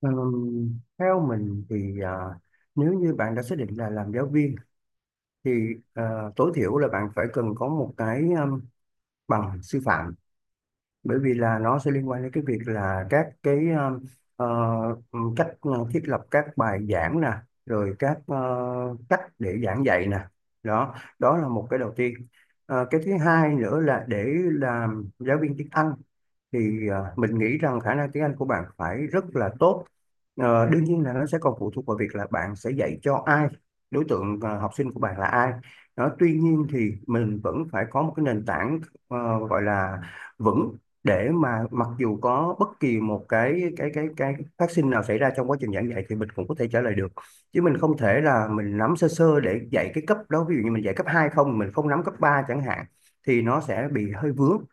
Theo mình thì nếu như bạn đã xác định là làm giáo viên thì à, tối thiểu là bạn phải cần có một cái bằng sư phạm, bởi vì là nó sẽ liên quan đến cái việc là các cái ờ, cách thiết lập các bài giảng nè, rồi các cách để giảng dạy nè. Đó đó là một cái đầu tiên. Cái thứ hai nữa là để làm giáo viên tiếng Anh thì mình nghĩ rằng khả năng tiếng Anh của bạn phải rất là tốt. Đương nhiên là nó sẽ còn phụ thuộc vào việc là bạn sẽ dạy cho ai, đối tượng học sinh của bạn là ai. Đó, tuy nhiên thì mình vẫn phải có một cái nền tảng gọi là vững, để mà mặc dù có bất kỳ một cái phát sinh nào xảy ra trong quá trình giảng dạy thì mình cũng có thể trả lời được. Chứ mình không thể là mình nắm sơ sơ để dạy cái cấp đó, ví dụ như mình dạy cấp 2 không, mình không nắm cấp 3 chẳng hạn, thì nó sẽ bị hơi vướng.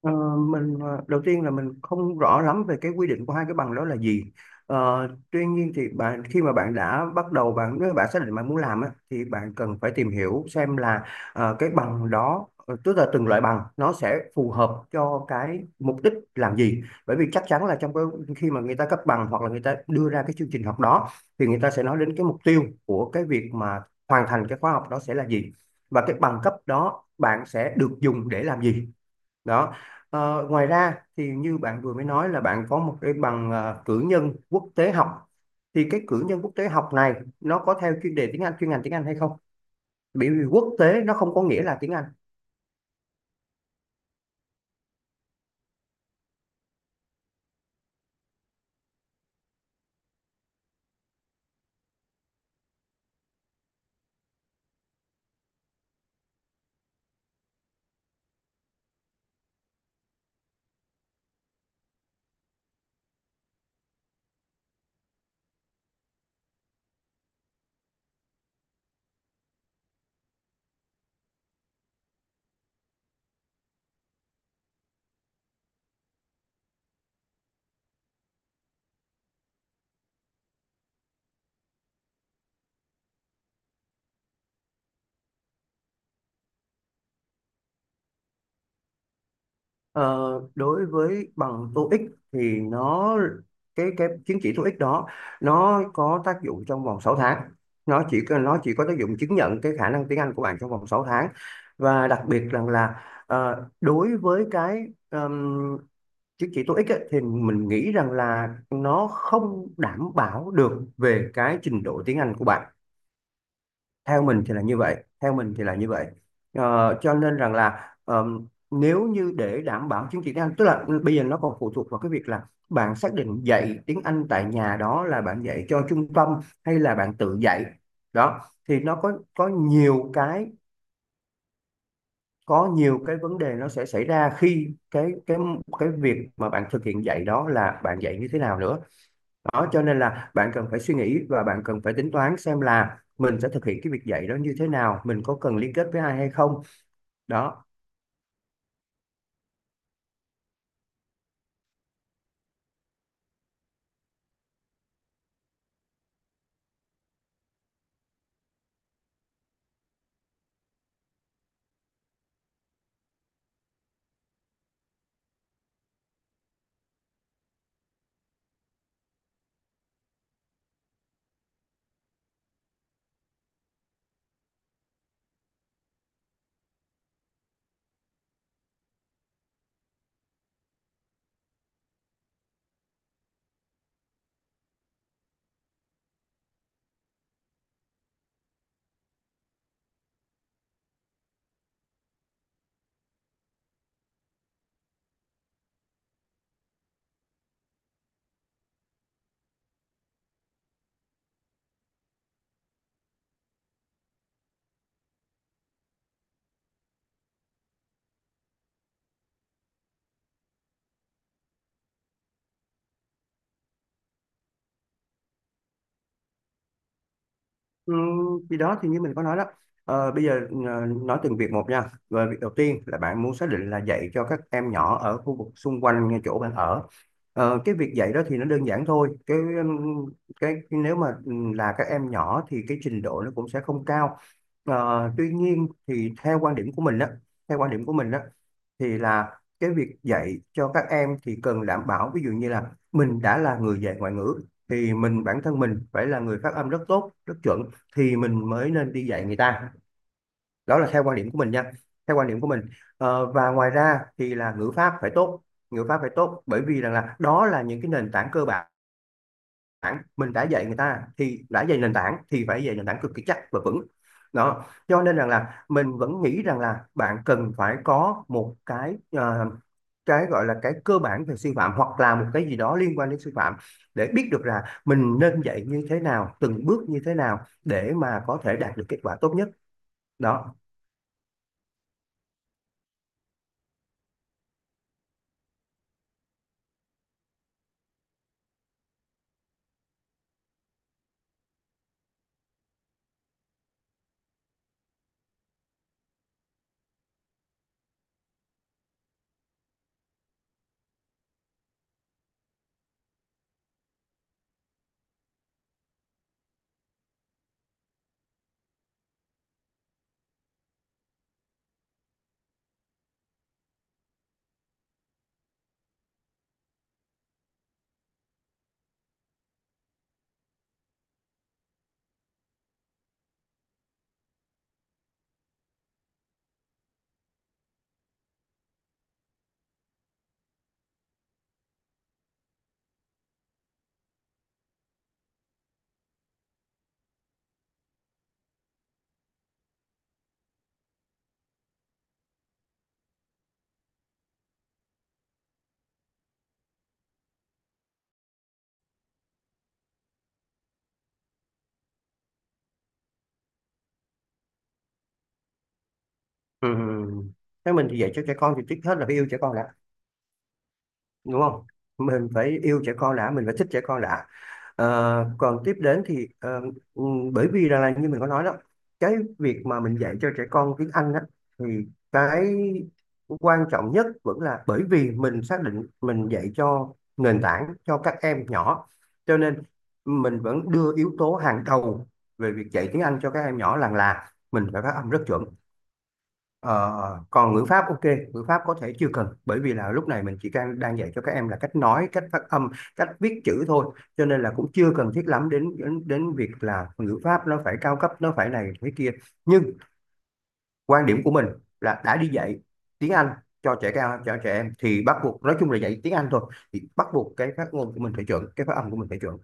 Ờ, Đầu tiên là mình không rõ lắm về cái quy định của hai cái bằng đó là gì. Ờ, Tuy nhiên thì bạn khi mà bạn đã bắt đầu bạn nếu bạn xác định bạn muốn làm á, thì bạn cần phải tìm hiểu xem là cái bằng đó, tức là từng loại bằng nó sẽ phù hợp cho cái mục đích làm gì. Bởi vì chắc chắn là trong cái khi mà người ta cấp bằng hoặc là người ta đưa ra cái chương trình học đó thì người ta sẽ nói đến cái mục tiêu của cái việc mà hoàn thành cái khóa học đó sẽ là gì, và cái bằng cấp đó bạn sẽ được dùng để làm gì. Đó. Ngoài ra thì như bạn vừa mới nói là bạn có một cái bằng cử nhân quốc tế học, thì cái cử nhân quốc tế học này nó có theo chuyên đề tiếng Anh, chuyên ngành tiếng Anh hay không, bởi vì quốc tế nó không có nghĩa là tiếng Anh. Ờ, Đối với bằng TOEIC thì nó, cái chứng chỉ TOEIC đó, nó có tác dụng trong vòng 6 tháng. Nó chỉ có tác dụng chứng nhận cái khả năng tiếng Anh của bạn trong vòng 6 tháng. Và đặc biệt rằng là đối với cái chứng chỉ TOEIC ấy, thì mình nghĩ rằng là nó không đảm bảo được về cái trình độ tiếng Anh của bạn. Theo mình thì là như vậy, theo mình thì là như vậy. Cho nên rằng là, nếu như để đảm bảo chứng chỉ tiếng Anh, tức là bây giờ nó còn phụ thuộc vào cái việc là bạn xác định dạy tiếng Anh tại nhà đó là bạn dạy cho trung tâm hay là bạn tự dạy. Đó, thì nó có nhiều cái vấn đề nó sẽ xảy ra khi cái việc mà bạn thực hiện dạy đó là bạn dạy như thế nào nữa. Đó, cho nên là bạn cần phải suy nghĩ và bạn cần phải tính toán xem là mình sẽ thực hiện cái việc dạy đó như thế nào, mình có cần liên kết với ai hay không. Đó. Ừ, thì đó thì như mình có nói đó. Ờ, bây giờ nói từng việc một nha, và việc đầu tiên là bạn muốn xác định là dạy cho các em nhỏ ở khu vực xung quanh ngay chỗ bạn ở. Cái việc dạy đó thì nó đơn giản thôi. Cái nếu mà là các em nhỏ thì cái trình độ nó cũng sẽ không cao. Tuy nhiên thì theo quan điểm của mình đó, thì là cái việc dạy cho các em thì cần đảm bảo, ví dụ như là mình đã là người dạy ngoại ngữ thì mình, bản thân mình phải là người phát âm rất tốt rất chuẩn thì mình mới nên đi dạy người ta. Đó là theo quan điểm của mình nha, theo quan điểm của mình. Và ngoài ra thì là ngữ pháp phải tốt, ngữ pháp phải tốt, bởi vì rằng là đó là những cái nền tảng cơ bản. Mình đã dạy người ta thì đã dạy nền tảng, thì phải dạy nền tảng cực kỳ chắc và vững. Đó, cho nên rằng là mình vẫn nghĩ rằng là bạn cần phải có một cái gọi là cái cơ bản về sư phạm, hoặc là một cái gì đó liên quan đến sư phạm, để biết được là mình nên dạy như thế nào, từng bước như thế nào, để mà có thể đạt được kết quả tốt nhất. Đó. Ừ. Thế mình thì dạy cho trẻ con thì trước hết là phải yêu trẻ con đã, đúng không? Mình phải yêu trẻ con đã, mình phải thích trẻ con đã. Ờ, còn tiếp đến thì ờ, ừ, bởi vì là như mình có nói đó, cái việc mà mình dạy cho trẻ con tiếng Anh á, thì cái quan trọng nhất vẫn là, bởi vì mình xác định mình dạy cho nền tảng cho các em nhỏ, cho nên mình vẫn đưa yếu tố hàng đầu về việc dạy tiếng Anh cho các em nhỏ là mình phải phát âm rất chuẩn. Ờ, Còn ngữ pháp, ok, ngữ pháp có thể chưa cần, bởi vì là lúc này mình chỉ đang đang dạy cho các em là cách nói, cách phát âm, cách viết chữ thôi, cho nên là cũng chưa cần thiết lắm đến đến đến việc là ngữ pháp nó phải cao cấp, nó phải này thế kia. Nhưng quan điểm của mình là đã đi dạy tiếng Anh cho trẻ em, thì bắt buộc, nói chung là dạy tiếng Anh thôi, thì bắt buộc cái phát ngôn của mình phải chuẩn, cái phát âm của mình phải chuẩn.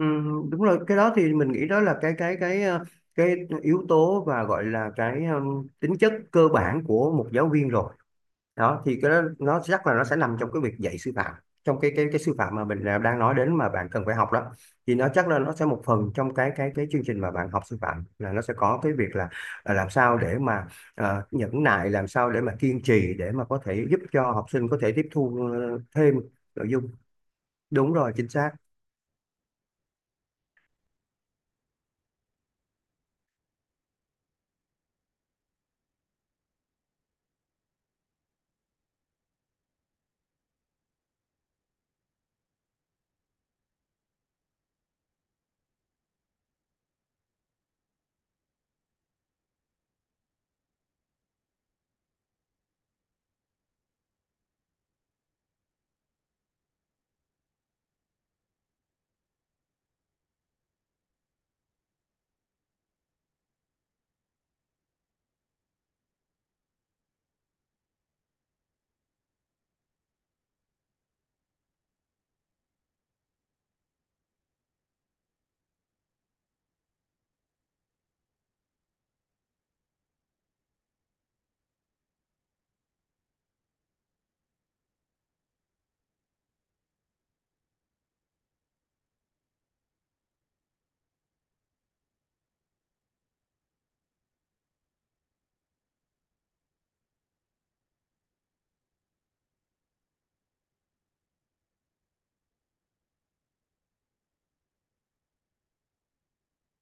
Ừ, đúng rồi, cái đó thì mình nghĩ đó là cái yếu tố và gọi là cái tính chất cơ bản của một giáo viên rồi. Đó thì cái đó nó chắc là nó sẽ nằm trong cái việc dạy sư phạm, trong cái sư phạm mà mình là đang nói đến mà bạn cần phải học đó, thì nó chắc là nó sẽ một phần trong cái chương trình mà bạn học sư phạm, là nó sẽ có cái việc là làm sao để mà nhẫn nại, làm sao để mà kiên trì để mà có thể giúp cho học sinh có thể tiếp thu thêm nội dung. Đúng rồi, chính xác.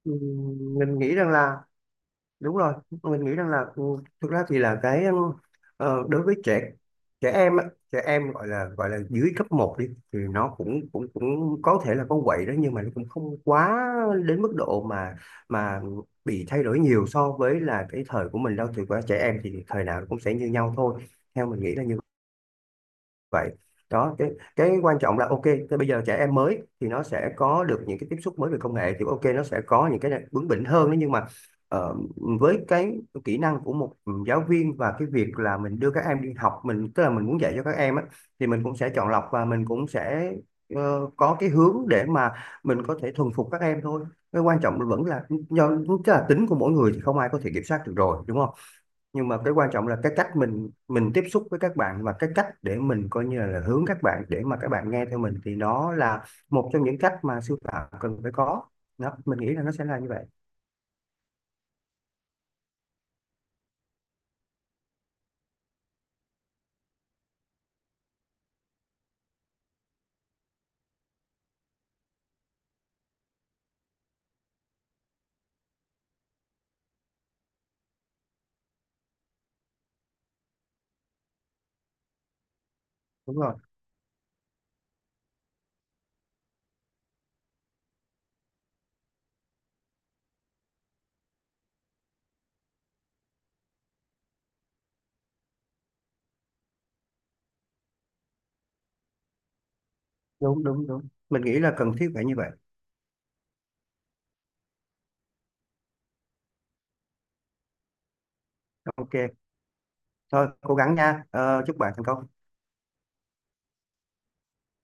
Ừ, mình nghĩ rằng là đúng rồi, mình nghĩ rằng là thực ra thì là cái đối với trẻ trẻ em á, trẻ em gọi là dưới cấp một đi, thì nó cũng cũng cũng có thể là con quậy đó, nhưng mà nó cũng không quá đến mức độ mà bị thay đổi nhiều so với là cái thời của mình đâu. Thì qua trẻ em thì thời nào cũng sẽ như nhau thôi, theo mình nghĩ là như vậy. Đó, cái quan trọng là, ok, thế bây giờ trẻ em mới thì nó sẽ có được những cái tiếp xúc mới về công nghệ, thì ok, nó sẽ có những cái bướng bỉnh hơn đấy, nhưng mà ờ, với cái kỹ năng của một giáo viên và cái việc là mình đưa các em đi học, mình tức là mình muốn dạy cho các em á, thì mình cũng sẽ chọn lọc và mình cũng sẽ có cái hướng để mà mình có thể thuần phục các em thôi. Cái quan trọng vẫn là do, tức là tính của mỗi người thì không ai có thể kiểm soát được rồi, đúng không? Nhưng mà cái quan trọng là cái cách mình tiếp xúc với các bạn, và cái cách để mình coi như là hướng các bạn để mà các bạn nghe theo mình, thì nó là một trong những cách mà sư phạm cần phải có. Đó, mình nghĩ là nó sẽ là như vậy. Đúng rồi, đúng đúng đúng, mình nghĩ là cần thiết phải như vậy. Ok, thôi cố gắng nha. Ờ, Chúc bạn thành công.